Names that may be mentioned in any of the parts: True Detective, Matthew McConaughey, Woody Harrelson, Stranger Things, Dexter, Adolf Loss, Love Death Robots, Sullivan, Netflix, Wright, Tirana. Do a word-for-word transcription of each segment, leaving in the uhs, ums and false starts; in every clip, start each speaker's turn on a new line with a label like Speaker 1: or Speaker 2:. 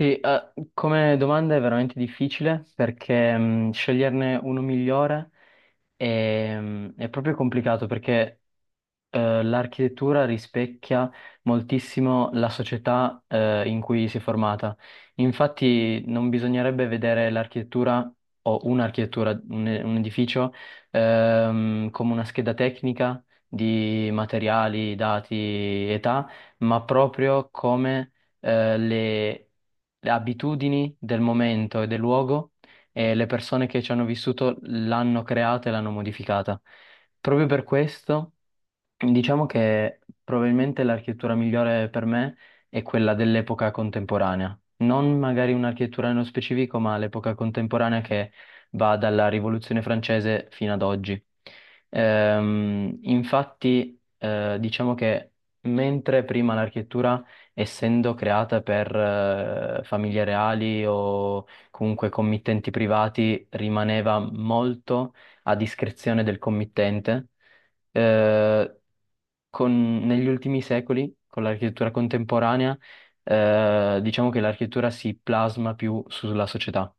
Speaker 1: Sì, eh, come domanda è veramente difficile perché mh, sceglierne uno migliore è, mhmm, è proprio complicato perché eh, l'architettura rispecchia moltissimo la società, eh, in cui si è formata. Infatti, non bisognerebbe vedere l'architettura o un'architettura, un, un edificio, ehm, come una scheda tecnica di materiali, dati, età, ma proprio come, eh, le, le abitudini del momento e del luogo. E le persone che ci hanno vissuto l'hanno creata e l'hanno modificata. Proprio per questo. Diciamo che probabilmente l'architettura migliore per me è quella dell'epoca contemporanea, non magari un'architettura nello specifico, ma l'epoca contemporanea che va dalla Rivoluzione francese fino ad oggi. Ehm, infatti, eh, diciamo che mentre prima l'architettura, essendo creata per eh, famiglie reali o comunque committenti privati, rimaneva molto a discrezione del committente. Eh, con- Negli ultimi secoli, con l'architettura contemporanea, eh, diciamo che l'architettura si plasma più sulla società.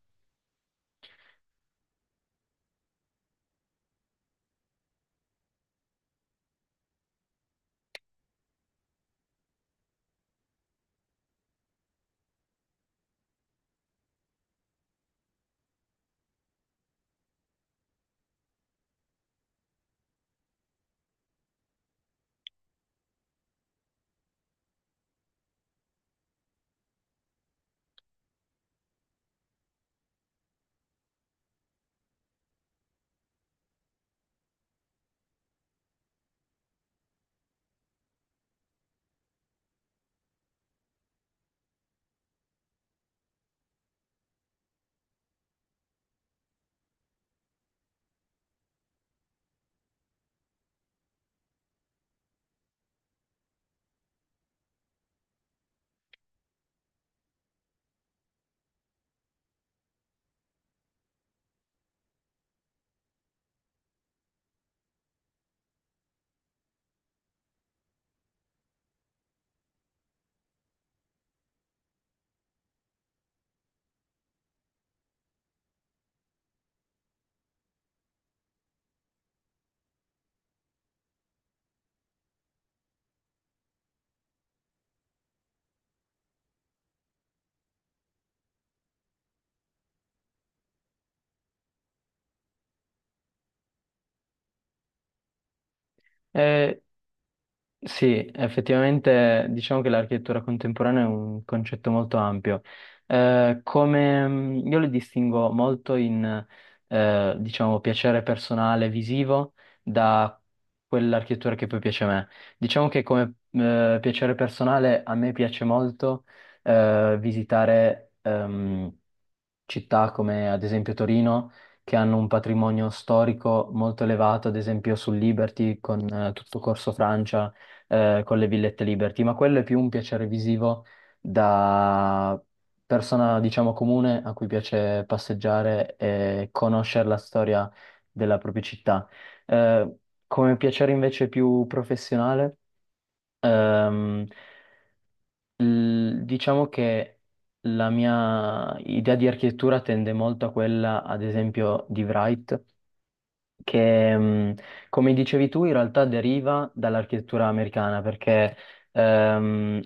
Speaker 1: Eh, sì, effettivamente diciamo che l'architettura contemporanea è un concetto molto ampio. Eh, come mh, Io le distingo molto in, eh, diciamo, piacere personale visivo da quell'architettura che poi piace a me. Diciamo che come eh, piacere personale a me piace molto eh, visitare ehm, città come ad esempio Torino, che hanno un patrimonio storico molto elevato, ad esempio sul Liberty, con eh, tutto Corso Francia, eh, con le villette Liberty, ma quello è più un piacere visivo da persona, diciamo, comune a cui piace passeggiare e conoscere la storia della propria città. Eh, Come piacere invece più professionale, ehm, Mm, diciamo che la mia idea di architettura tende molto a quella, ad esempio, di Wright, che, mh, come dicevi tu, in realtà deriva dall'architettura americana, perché ehm,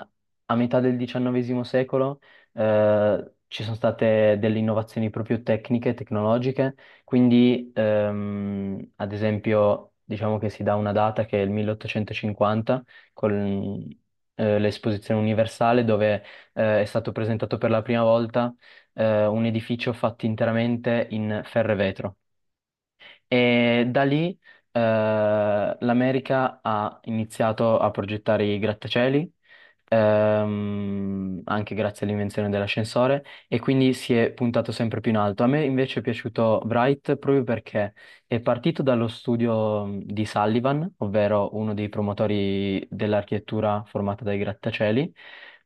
Speaker 1: a metà del diciannovesimo secolo eh, ci sono state delle innovazioni proprio tecniche, tecnologiche, quindi ehm, ad esempio diciamo che si dà una data che è il milleottocentocinquanta con eh, l'esposizione universale dove eh, è stato presentato per la prima volta eh, un edificio fatto interamente in ferro e vetro. E da lì eh, l'America ha iniziato a progettare i grattacieli, ehm, anche grazie all'invenzione dell'ascensore, e quindi si è puntato sempre più in alto. A me invece è piaciuto Bright proprio perché è partito dallo studio mh, di Sullivan, ovvero uno dei promotori dell'architettura formata dai grattacieli,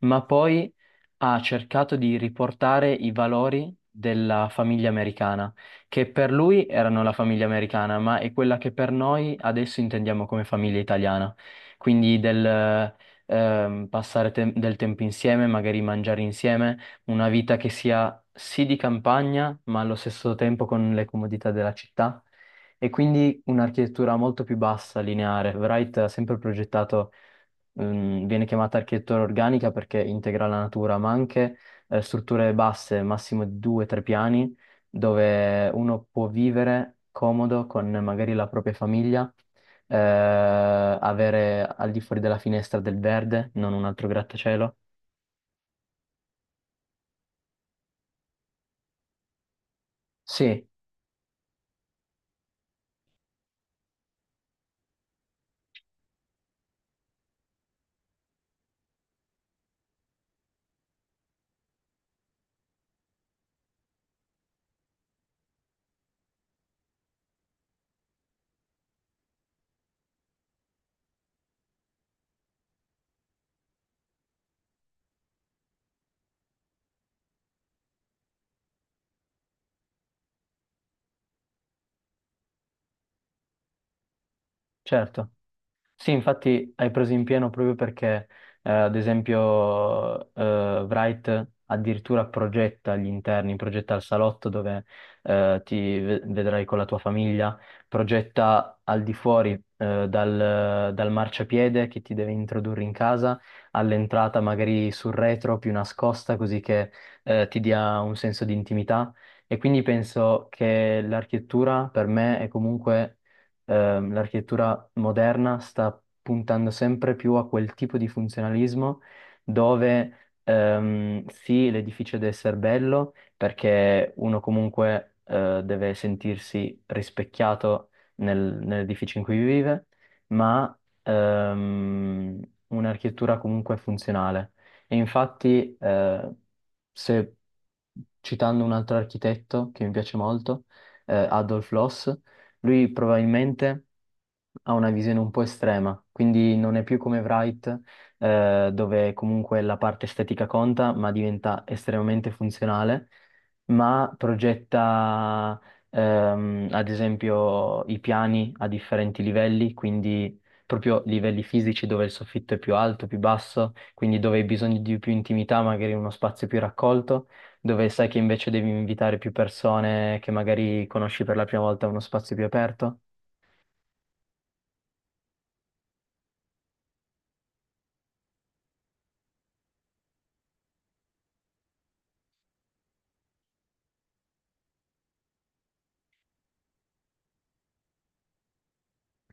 Speaker 1: ma poi ha cercato di riportare i valori della famiglia americana che per lui erano la famiglia americana, ma è quella che per noi adesso intendiamo come famiglia italiana. Quindi del ehm, passare tem- del tempo insieme, magari mangiare insieme, una vita che sia sì di campagna, ma allo stesso tempo con le comodità della città. E quindi un'architettura molto più bassa, lineare. Wright ha sempre progettato, ehm, viene chiamata architettura organica perché integra la natura, ma anche eh, strutture basse, massimo di due o tre piani dove uno può vivere comodo con magari la propria famiglia, eh, avere al di fuori della finestra del verde, non un altro grattacielo. Sì, certo. Sì, infatti hai preso in pieno proprio perché, eh, ad esempio, eh, Wright addirittura progetta gli interni, progetta il salotto dove eh, ti ve- vedrai con la tua famiglia, progetta al di fuori eh, dal, dal marciapiede che ti deve introdurre in casa, all'entrata magari sul retro più nascosta, così che eh, ti dia un senso di intimità. E quindi penso che l'architettura per me è comunque ehm, l'architettura moderna sta puntando sempre più a quel tipo di funzionalismo dove ehm, sì, l'edificio deve essere bello perché uno comunque eh, deve sentirsi rispecchiato nel- nell'edificio in cui vive, ma ehm, un'architettura comunque funzionale. E infatti, eh, se citando un altro architetto che mi piace molto, eh, Adolf Loss, lui probabilmente ha una visione un po' estrema, quindi non è più come Wright, eh, dove comunque la parte estetica conta, ma diventa estremamente funzionale, ma progetta, ehm, ad esempio, i piani a differenti livelli, quindi proprio livelli fisici dove il soffitto è più alto, più basso, quindi dove hai bisogno di più intimità, magari in uno spazio più raccolto dove sai che invece devi invitare più persone che magari conosci per la prima volta a uno spazio più aperto?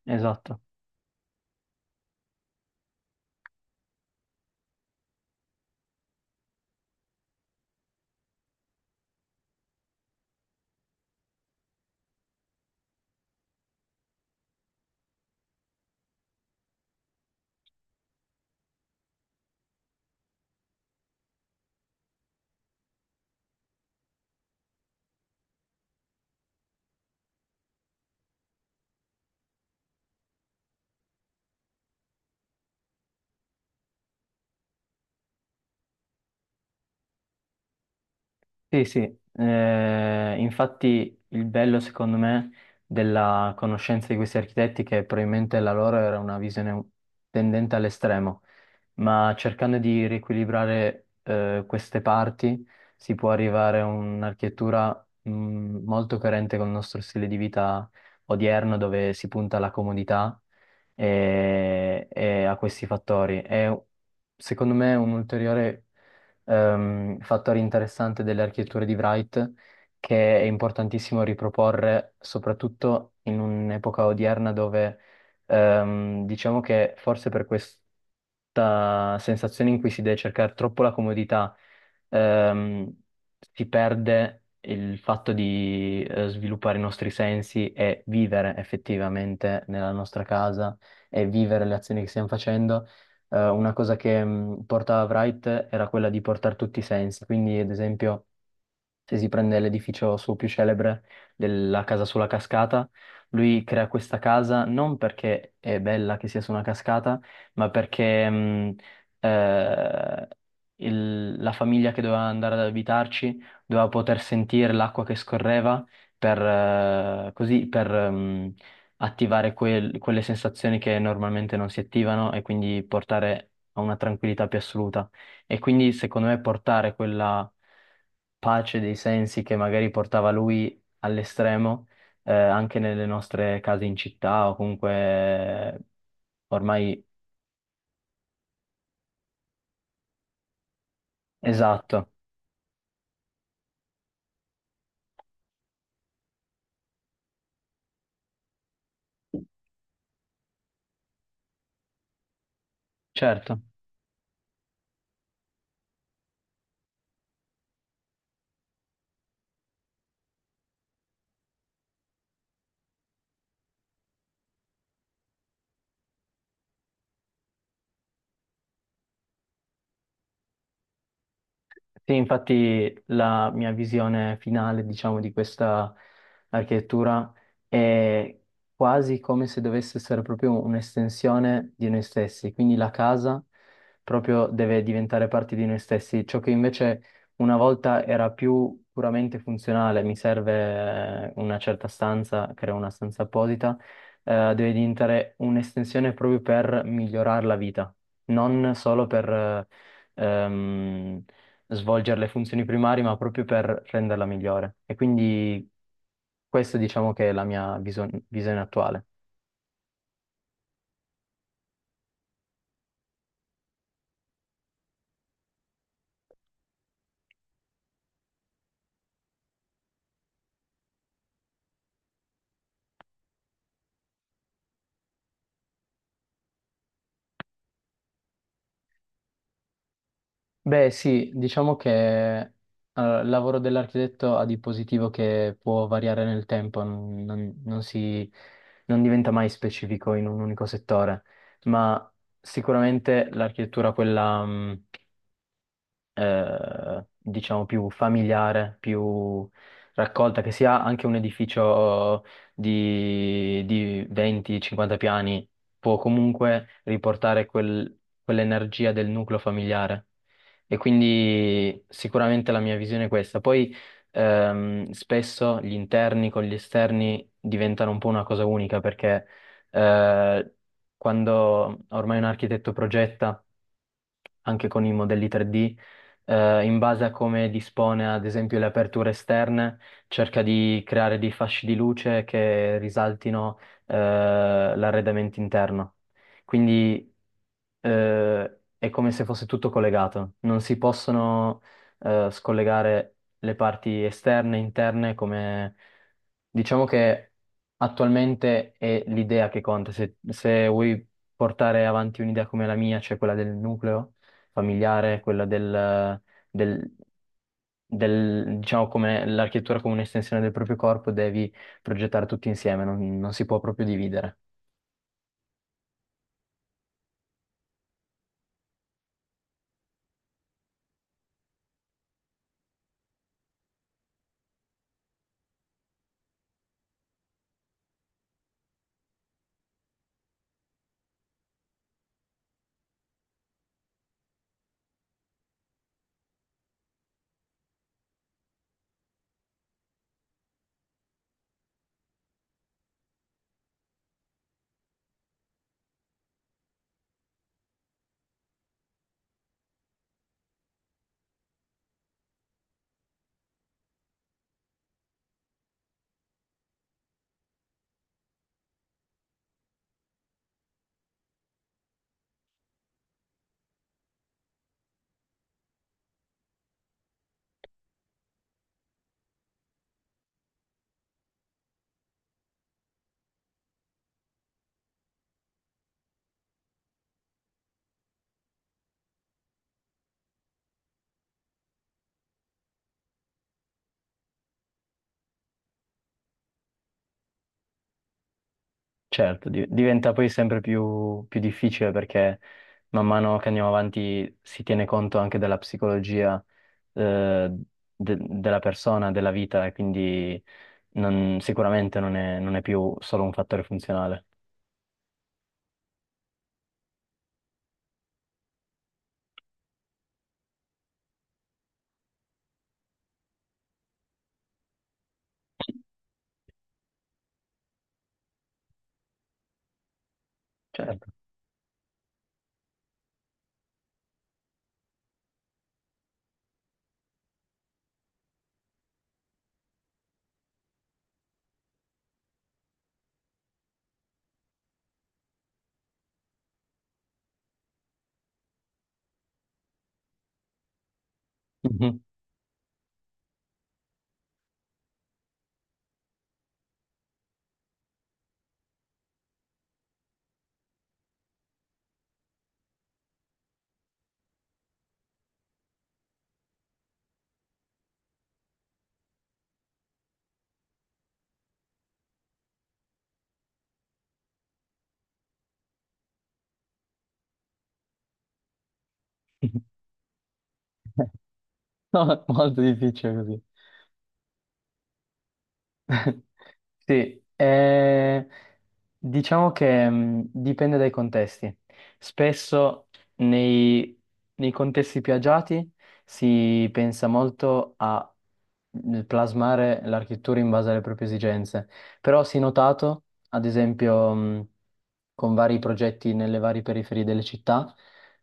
Speaker 1: Esatto. Sì, sì. Eh, infatti il bello secondo me della conoscenza di questi architetti è che probabilmente la loro era una visione tendente all'estremo, ma cercando di riequilibrare eh, queste parti si può arrivare a un'architettura mh, molto coerente con il nostro stile di vita odierno, dove si punta alla comodità e, e a questi fattori. È secondo me un ulteriore ehm, fattore interessante delle architetture di Wright che è importantissimo riproporre, soprattutto in un'epoca odierna dove Ehm, diciamo che forse per questa sensazione in cui si deve cercare troppo la comodità, ehm, si perde il fatto di eh, sviluppare i nostri sensi e vivere effettivamente nella nostra casa e vivere le azioni che stiamo facendo. Eh, una cosa che mh, portava Wright era quella di portare tutti i sensi, quindi ad esempio se si prende l'edificio suo più celebre della casa sulla cascata, lui crea questa casa non perché è bella che sia su una cascata, ma perché mh, eh, il- la famiglia che doveva andare ad abitarci doveva poter sentire l'acqua che scorreva per, eh, così, per mh, attivare quel- quelle sensazioni che normalmente non si attivano e quindi portare a una tranquillità più assoluta. E quindi secondo me portare quella pace dei sensi che magari portava lui all'estremo, eh, anche nelle nostre case in città o comunque eh, ormai esatto, certo. Sì, infatti la mia visione finale, diciamo, di questa architettura è quasi come se dovesse essere proprio un'estensione di noi stessi, quindi la casa proprio deve diventare parte di noi stessi, ciò che invece una volta era più puramente funzionale, mi serve eh, una certa stanza, creo una stanza apposita, eh, deve diventare un'estensione proprio per migliorare la vita, non solo per... eh, ehm, svolgere le funzioni primarie, ma proprio per renderla migliore. E quindi questa diciamo che è la mia viso- visione attuale. Beh, sì, diciamo che eh, il lavoro dell'architetto ha di positivo che può variare nel tempo, non, non- non si, non diventa mai specifico in un unico settore, ma sicuramente l'architettura, quella... mh, eh, diciamo più familiare, più raccolta, che sia anche un edificio eh, di, di venti cinquanta piani, può comunque riportare quel- quell'energia del nucleo familiare. E quindi sicuramente la mia visione è questa. Poi ehm, spesso gli interni con gli esterni diventano un po' una cosa unica perché eh, quando ormai un architetto progetta anche con i modelli tre D, eh, in base a come dispone ad esempio le aperture esterne, cerca di creare dei fasci di luce che risaltino eh, l'arredamento interno. Quindi eh, è come se fosse tutto collegato, non si possono eh, scollegare le parti esterne, interne, come diciamo che attualmente è l'idea che conta. Se, se vuoi portare avanti un'idea come la mia, cioè quella del nucleo familiare, quella del, del- del- diciamo come l'architettura come un'estensione del proprio corpo, devi progettare tutti insieme, non non si può proprio dividere. Certo, di- diventa poi sempre più, più difficile perché man mano che andiamo avanti si tiene conto anche della psicologia eh, de- della persona, della vita e quindi non- sicuramente non è, non è più solo un fattore funzionale. Certo. Mhm. No, è molto difficile così. Sì, eh, diciamo che mh, dipende dai contesti. Spesso nei, nei contesti più agiati si pensa molto a mh, plasmare l'architettura in base alle proprie esigenze, però si è notato, ad esempio, mh, con vari progetti nelle varie periferie delle città,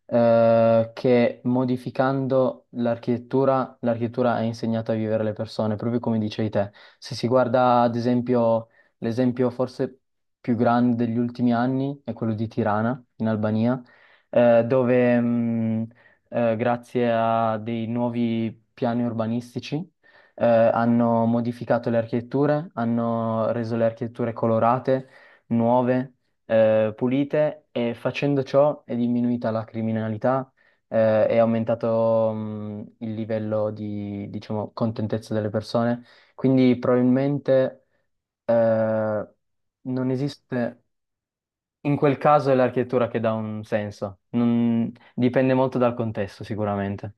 Speaker 1: eh, che modificando l'architettura, l'architettura ha insegnato a vivere le persone, proprio come dicevi te. Se si guarda, ad esempio, l'esempio forse più grande degli ultimi anni è quello di Tirana, in Albania, eh, dove, mh, eh, grazie a dei nuovi piani urbanistici, eh, hanno modificato le architetture, hanno reso le architetture colorate, nuove eh, pulite e facendo ciò è diminuita la criminalità, eh, è aumentato, mh, il livello di, diciamo, contentezza delle persone. Quindi probabilmente, eh, non esiste, in quel caso è l'architettura che dà un senso. Non- dipende molto dal contesto sicuramente.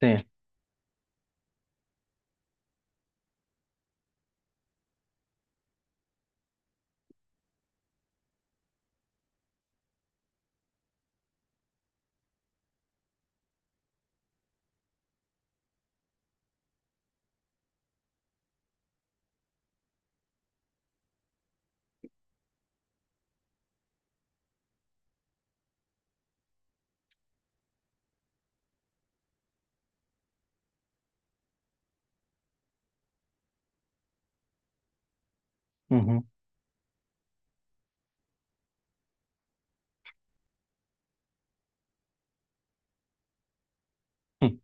Speaker 1: Sì. Mhm. Mm,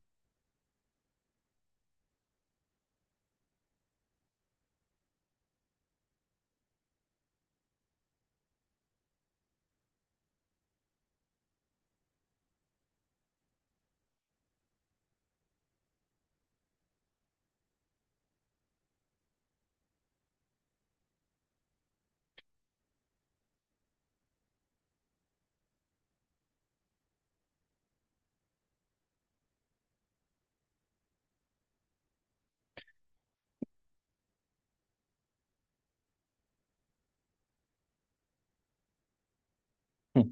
Speaker 1: mm,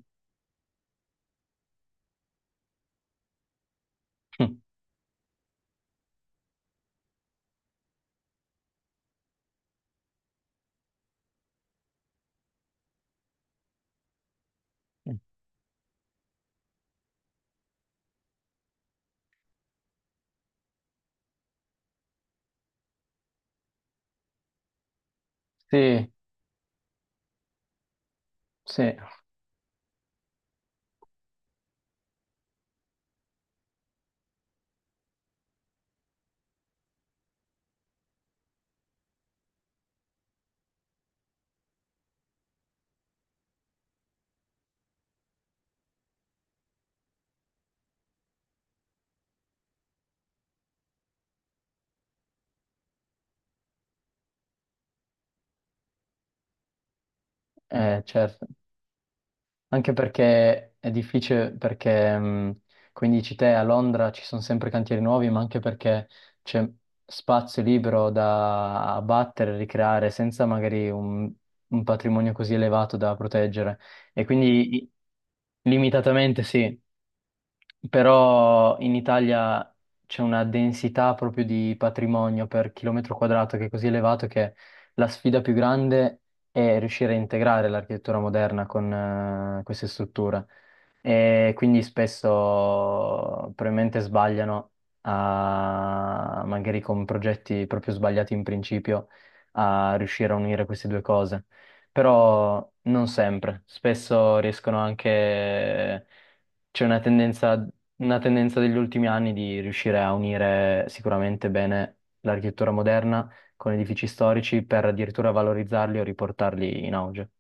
Speaker 1: mm. Sì, sì, eh, certo. Anche perché è difficile, perché mh, come dici te, a Londra ci sono sempre cantieri nuovi, ma anche perché c'è spazio libero da abbattere, ricreare, senza magari un, un patrimonio così elevato da proteggere. E quindi i- limitatamente sì, però in Italia c'è una densità proprio di patrimonio per chilometro quadrato che è così elevato che la sfida più grande è riuscire a integrare l'architettura moderna con eh, queste strutture. E quindi spesso probabilmente sbagliano a, magari con progetti proprio sbagliati in principio a riuscire a unire queste due cose. Però non sempre, spesso riescono anche c'è una tendenza una tendenza degli ultimi anni di riuscire a unire sicuramente bene l'architettura moderna con edifici storici per addirittura valorizzarli o riportarli in auge.